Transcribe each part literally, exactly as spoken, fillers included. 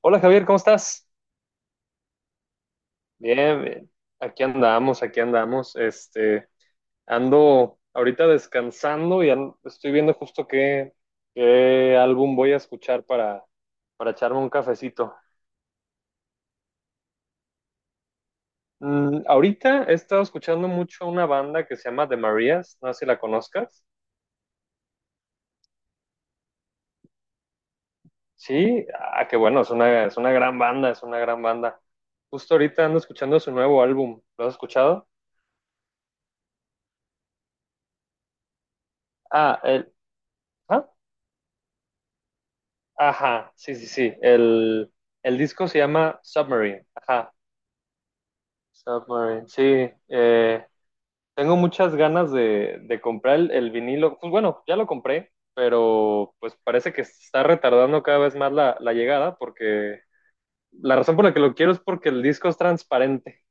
Hola Javier, ¿cómo estás? Bien, bien. Aquí andamos, aquí andamos. Este, ando ahorita descansando y an- estoy viendo justo qué, qué álbum voy a escuchar para, para echarme un cafecito. Mm, ahorita he estado escuchando mucho una banda que se llama The Marías, no sé si la conozcas. Sí, ah, qué bueno, es una, es una gran banda, es una gran banda. Justo ahorita ando escuchando su nuevo álbum. ¿Lo has escuchado? Ah, el, ¿ah? Ajá, sí, sí, sí. El, el disco se llama Submarine. Ajá, Submarine. Sí, eh, tengo muchas ganas de, de comprar el, el vinilo. Pues bueno, ya lo compré, pero pues parece que se está retardando cada vez más la, la llegada porque la razón por la que lo quiero es porque el disco es transparente.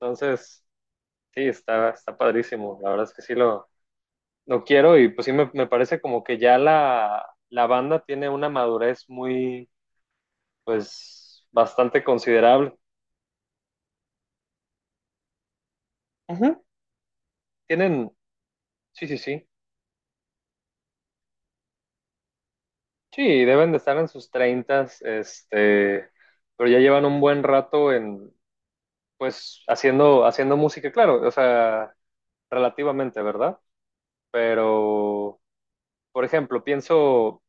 Entonces, sí, está, está padrísimo. La verdad es que sí lo, lo quiero y pues sí me, me parece como que ya la, la banda tiene una madurez muy, pues, bastante considerable. Ujú, Tienen, sí, sí, sí. Sí, deben de estar en sus treintas, este, pero ya llevan un buen rato en, pues, haciendo, haciendo música, claro, o sea, relativamente, ¿verdad? Pero, por ejemplo, pienso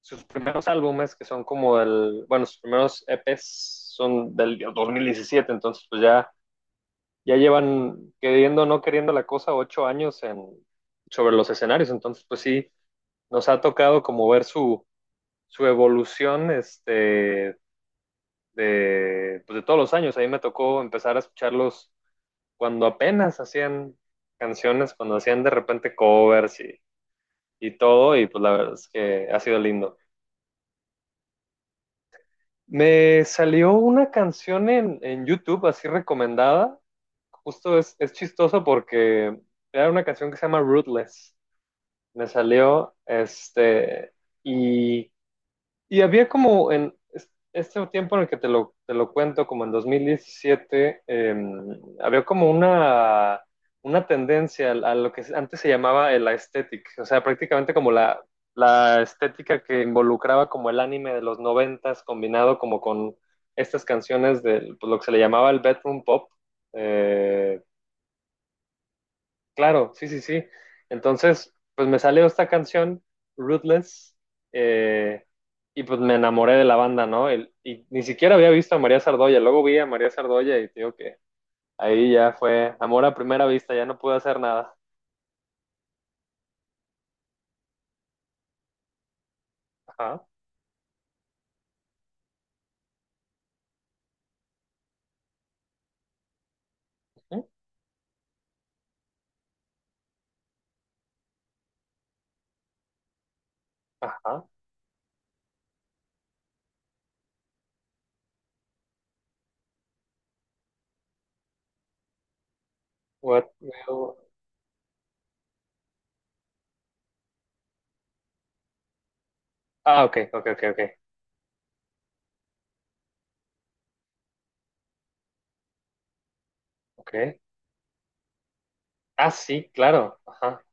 sus primeros álbumes, que son como el, bueno, sus primeros E Ps son del dos mil diecisiete entonces, pues ya, ya, llevan, queriendo o no queriendo la cosa, ocho años en, sobre los escenarios, entonces, pues sí, nos ha tocado como ver su su evolución este, de, pues de todos los años. A mí me tocó empezar a escucharlos cuando apenas hacían canciones, cuando hacían de repente covers y, y todo, y pues la verdad es que ha sido lindo. Me salió una canción en, en YouTube así recomendada, justo es, es chistoso porque era una canción que se llama ruthless. Me salió este, y Y había como en es- este tiempo en el que te lo, te lo cuento, como en dos mil diecisiete, eh, había como una, una tendencia a, a lo que antes se llamaba el aesthetic, o sea, prácticamente como la, la estética que involucraba como el anime de los noventas combinado como con estas canciones de pues, lo que se le llamaba el bedroom pop. Eh, Claro, sí, sí, sí. Entonces, pues me salió esta canción, Ruthless, eh, y pues me enamoré de la banda, ¿no? El- y ni siquiera había visto a María Sardoya, luego vi a María Sardoya y te digo que ahí ya fue amor a primera vista, ya no pude hacer nada. Ajá, ujú, ajá. What will-. Ah, ok, ok, ok, ok, ok. Ah, sí, claro, ajá.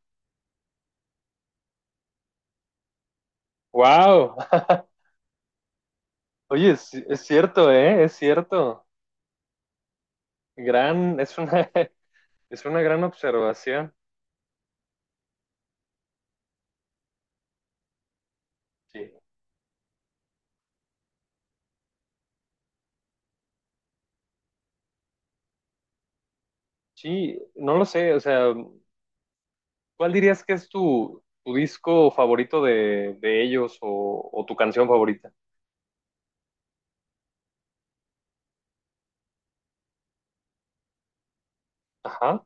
Wow. Oye, es, es cierto, ¿eh? Es cierto. Gran, es una, es una gran observación. Sí. Sí, no lo sé, o sea, ¿cuál dirías que es tu, tu disco favorito de, de ellos o, o tu canción favorita? Ajá,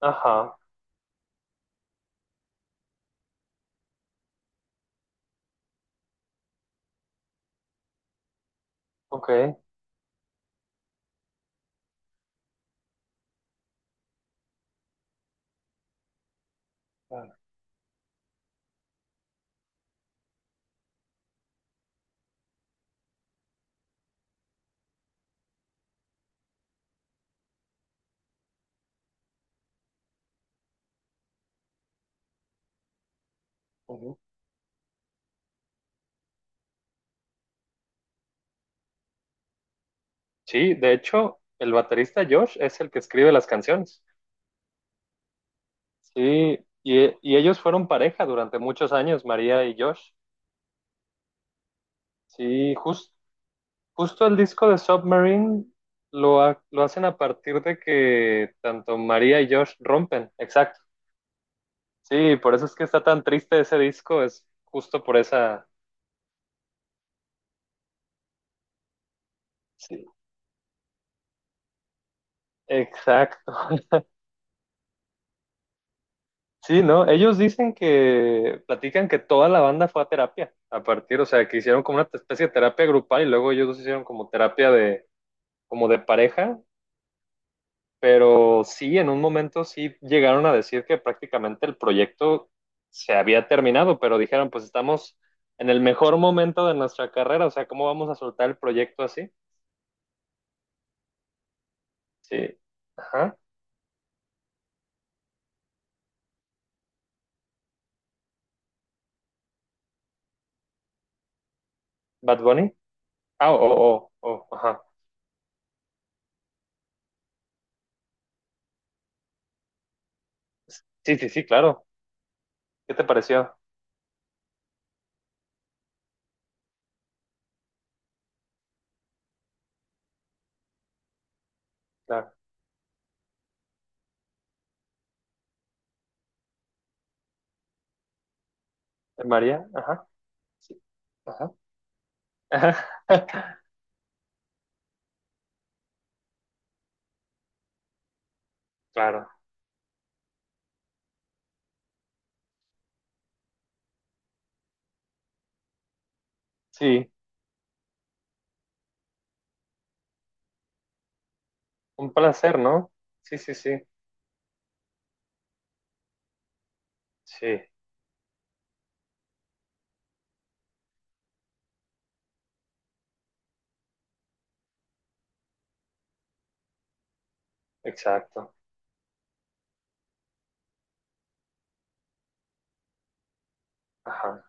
ajá, ok. Claro, ujú. Sí, de hecho, el baterista Josh es el que escribe las canciones. Sí, y, e- y ellos fueron pareja durante muchos años, María y Josh. Sí, jus- justo el disco de Submarine lo, ha- lo hacen a partir de que tanto María y Josh rompen, exacto. Sí, por eso es que está tan triste ese disco, es justo por esa... Sí, exacto. Sí, ¿no? Ellos dicen que, platican que toda la banda fue a terapia, a partir, o sea, que hicieron como una especie de terapia grupal y luego ellos dos hicieron como terapia de, como de pareja, pero sí, en un momento sí llegaron a decir que prácticamente el proyecto se había terminado, pero dijeron, pues estamos en el mejor momento de nuestra carrera, o sea, ¿cómo vamos a soltar el proyecto así? Sí. Ajá. Bad Bunny. Ah, oh, oh, oh, oh, ajá. Sí, sí, sí, claro. ¿Qué te pareció? La, de María, ajá. Sí, ajá. Ajá. Claro. Sí, un placer, ¿no? Sí, sí, sí. Sí, exacto. Ajá,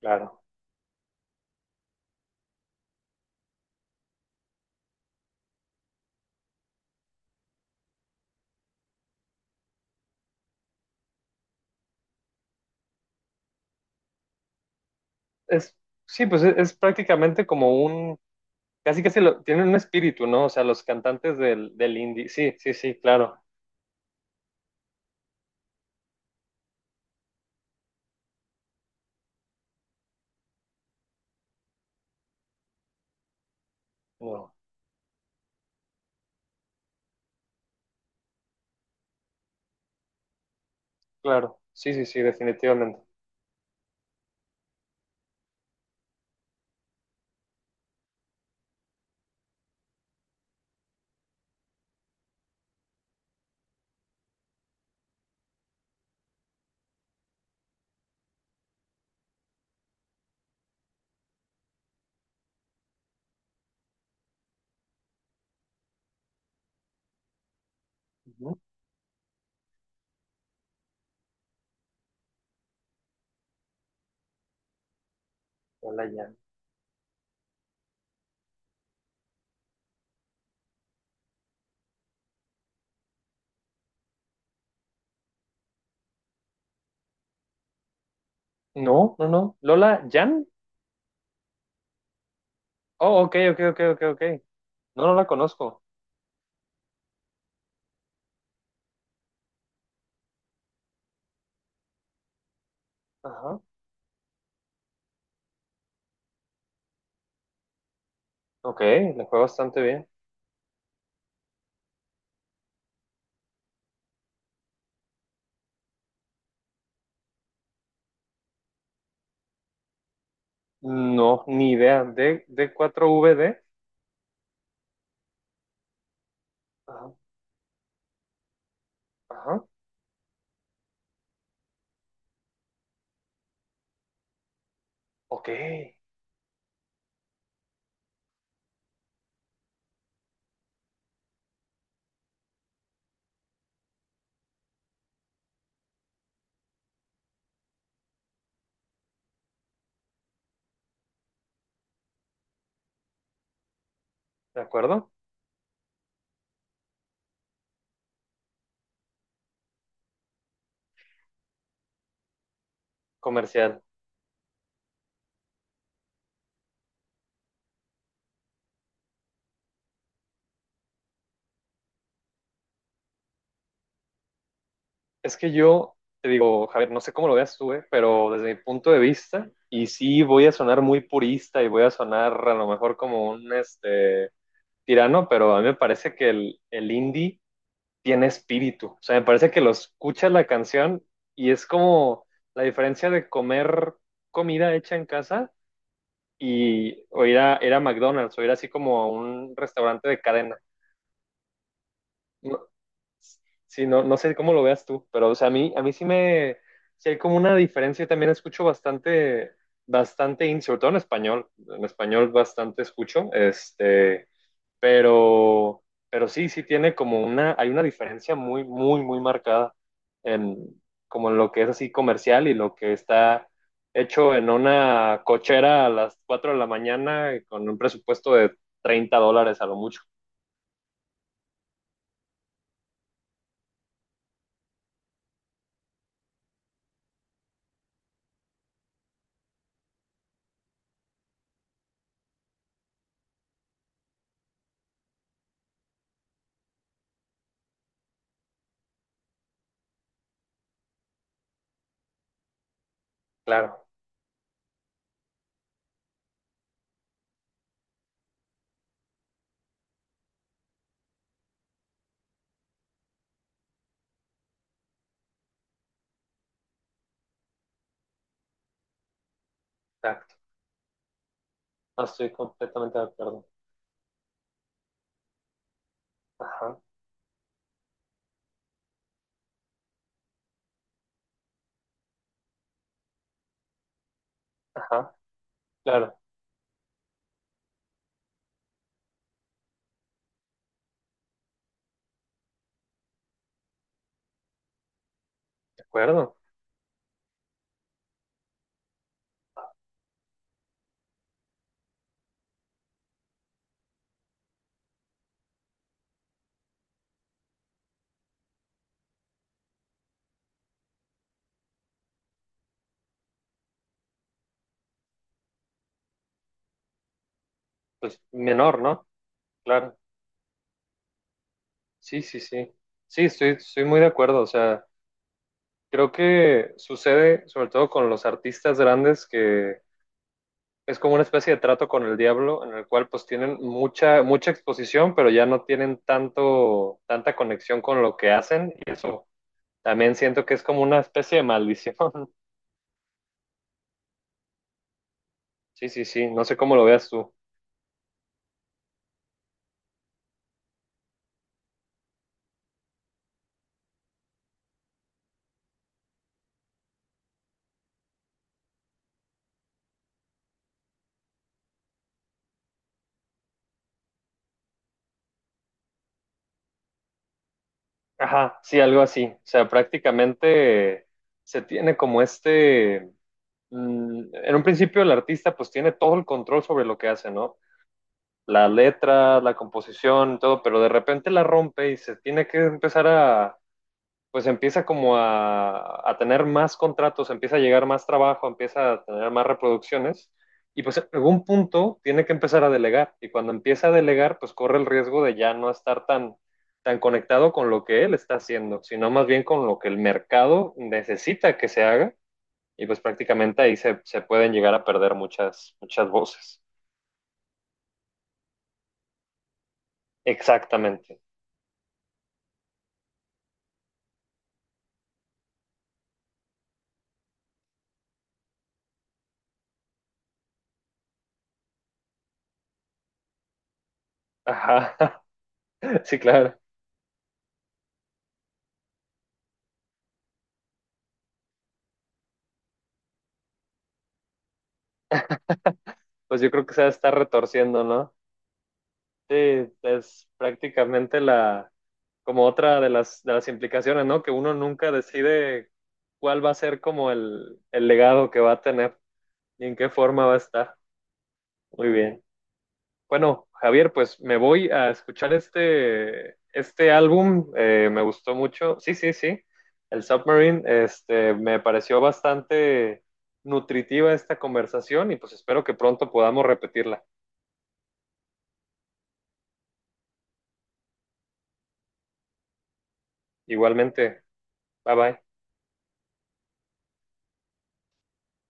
claro. Es, sí, pues es, es prácticamente como un, casi casi lo, tienen un espíritu, ¿no? O sea, los cantantes del, del indie. Sí, sí, sí, claro. No, claro. Sí, sí, sí, definitivamente. Ujú. Lola Jan. No, no, no. Lola Jan. Oh, ok, ok, ok, ok, ok. No, no la conozco. Ajá. Ok, le fue bastante bien. No, ni idea. D, D4VD. Ajá. Ajá. Ok, de acuerdo. Comercial. Es que yo te digo, Javier, no sé cómo lo veas tú, eh, pero desde mi punto de vista, y sí voy a sonar muy purista y voy a sonar a lo mejor como un este, tirano, pero a mí me parece que el, el indie tiene espíritu. O sea, me parece que lo escuchas la canción y es como la diferencia de comer comida hecha en casa y o ir a, ir a McDonald's o ir así como a un restaurante de cadena. No, sí, no, no sé cómo lo veas tú, pero o sea, a mí, a mí sí me, sí hay como una diferencia. Yo también escucho bastante, bastante indie, sobre todo en español. En español bastante escucho, este, pero, pero sí, sí tiene como una, hay una diferencia muy, muy, muy marcada en como en lo que es así comercial y lo que está hecho en una cochera a las cuatro de la mañana y con un presupuesto de treinta dólares a lo mucho. Claro, exacto. No, estoy completamente de acuerdo. Ajá, ajá, claro, de acuerdo. Pues menor, ¿no? Claro, sí, sí, sí. Sí, estoy, estoy muy de acuerdo. O sea, creo que sucede sobre todo con los artistas grandes que, es como una especie de trato con el diablo en el cual pues tienen mucha, mucha exposición, pero ya no tienen tanto, tanta conexión con lo que hacen y eso también siento que es como una especie de maldición. Sí, sí, sí, no sé cómo lo veas tú. Ajá, sí, algo así. O sea, prácticamente se tiene como este, mm, en un principio el artista pues tiene todo el control sobre lo que hace, ¿no? La letra, la composición, todo, pero de repente la rompe y se tiene que empezar a pues empieza como a, a tener más contratos, empieza a llegar más trabajo, empieza a tener más reproducciones y pues en algún punto tiene que empezar a delegar y cuando empieza a delegar pues corre el riesgo de ya no estar tan, tan conectado con lo que él está haciendo, sino más bien con lo que el mercado necesita que se haga y pues prácticamente ahí se, se pueden llegar a perder muchas, muchas voces. Exactamente. Ajá, sí, claro. Pues yo creo que se va a estar retorciendo, ¿no? Sí, es prácticamente la, como otra de las, de las implicaciones, ¿no? Que uno nunca decide cuál va a ser como el, el legado que va a tener y en qué forma va a estar. Muy bien. Bueno, Javier, pues me voy a escuchar este, este álbum, eh, me gustó mucho. Sí, sí, sí. El Submarine, este, me pareció bastante nutritiva esta conversación y pues espero que pronto podamos repetirla. Igualmente, bye bye.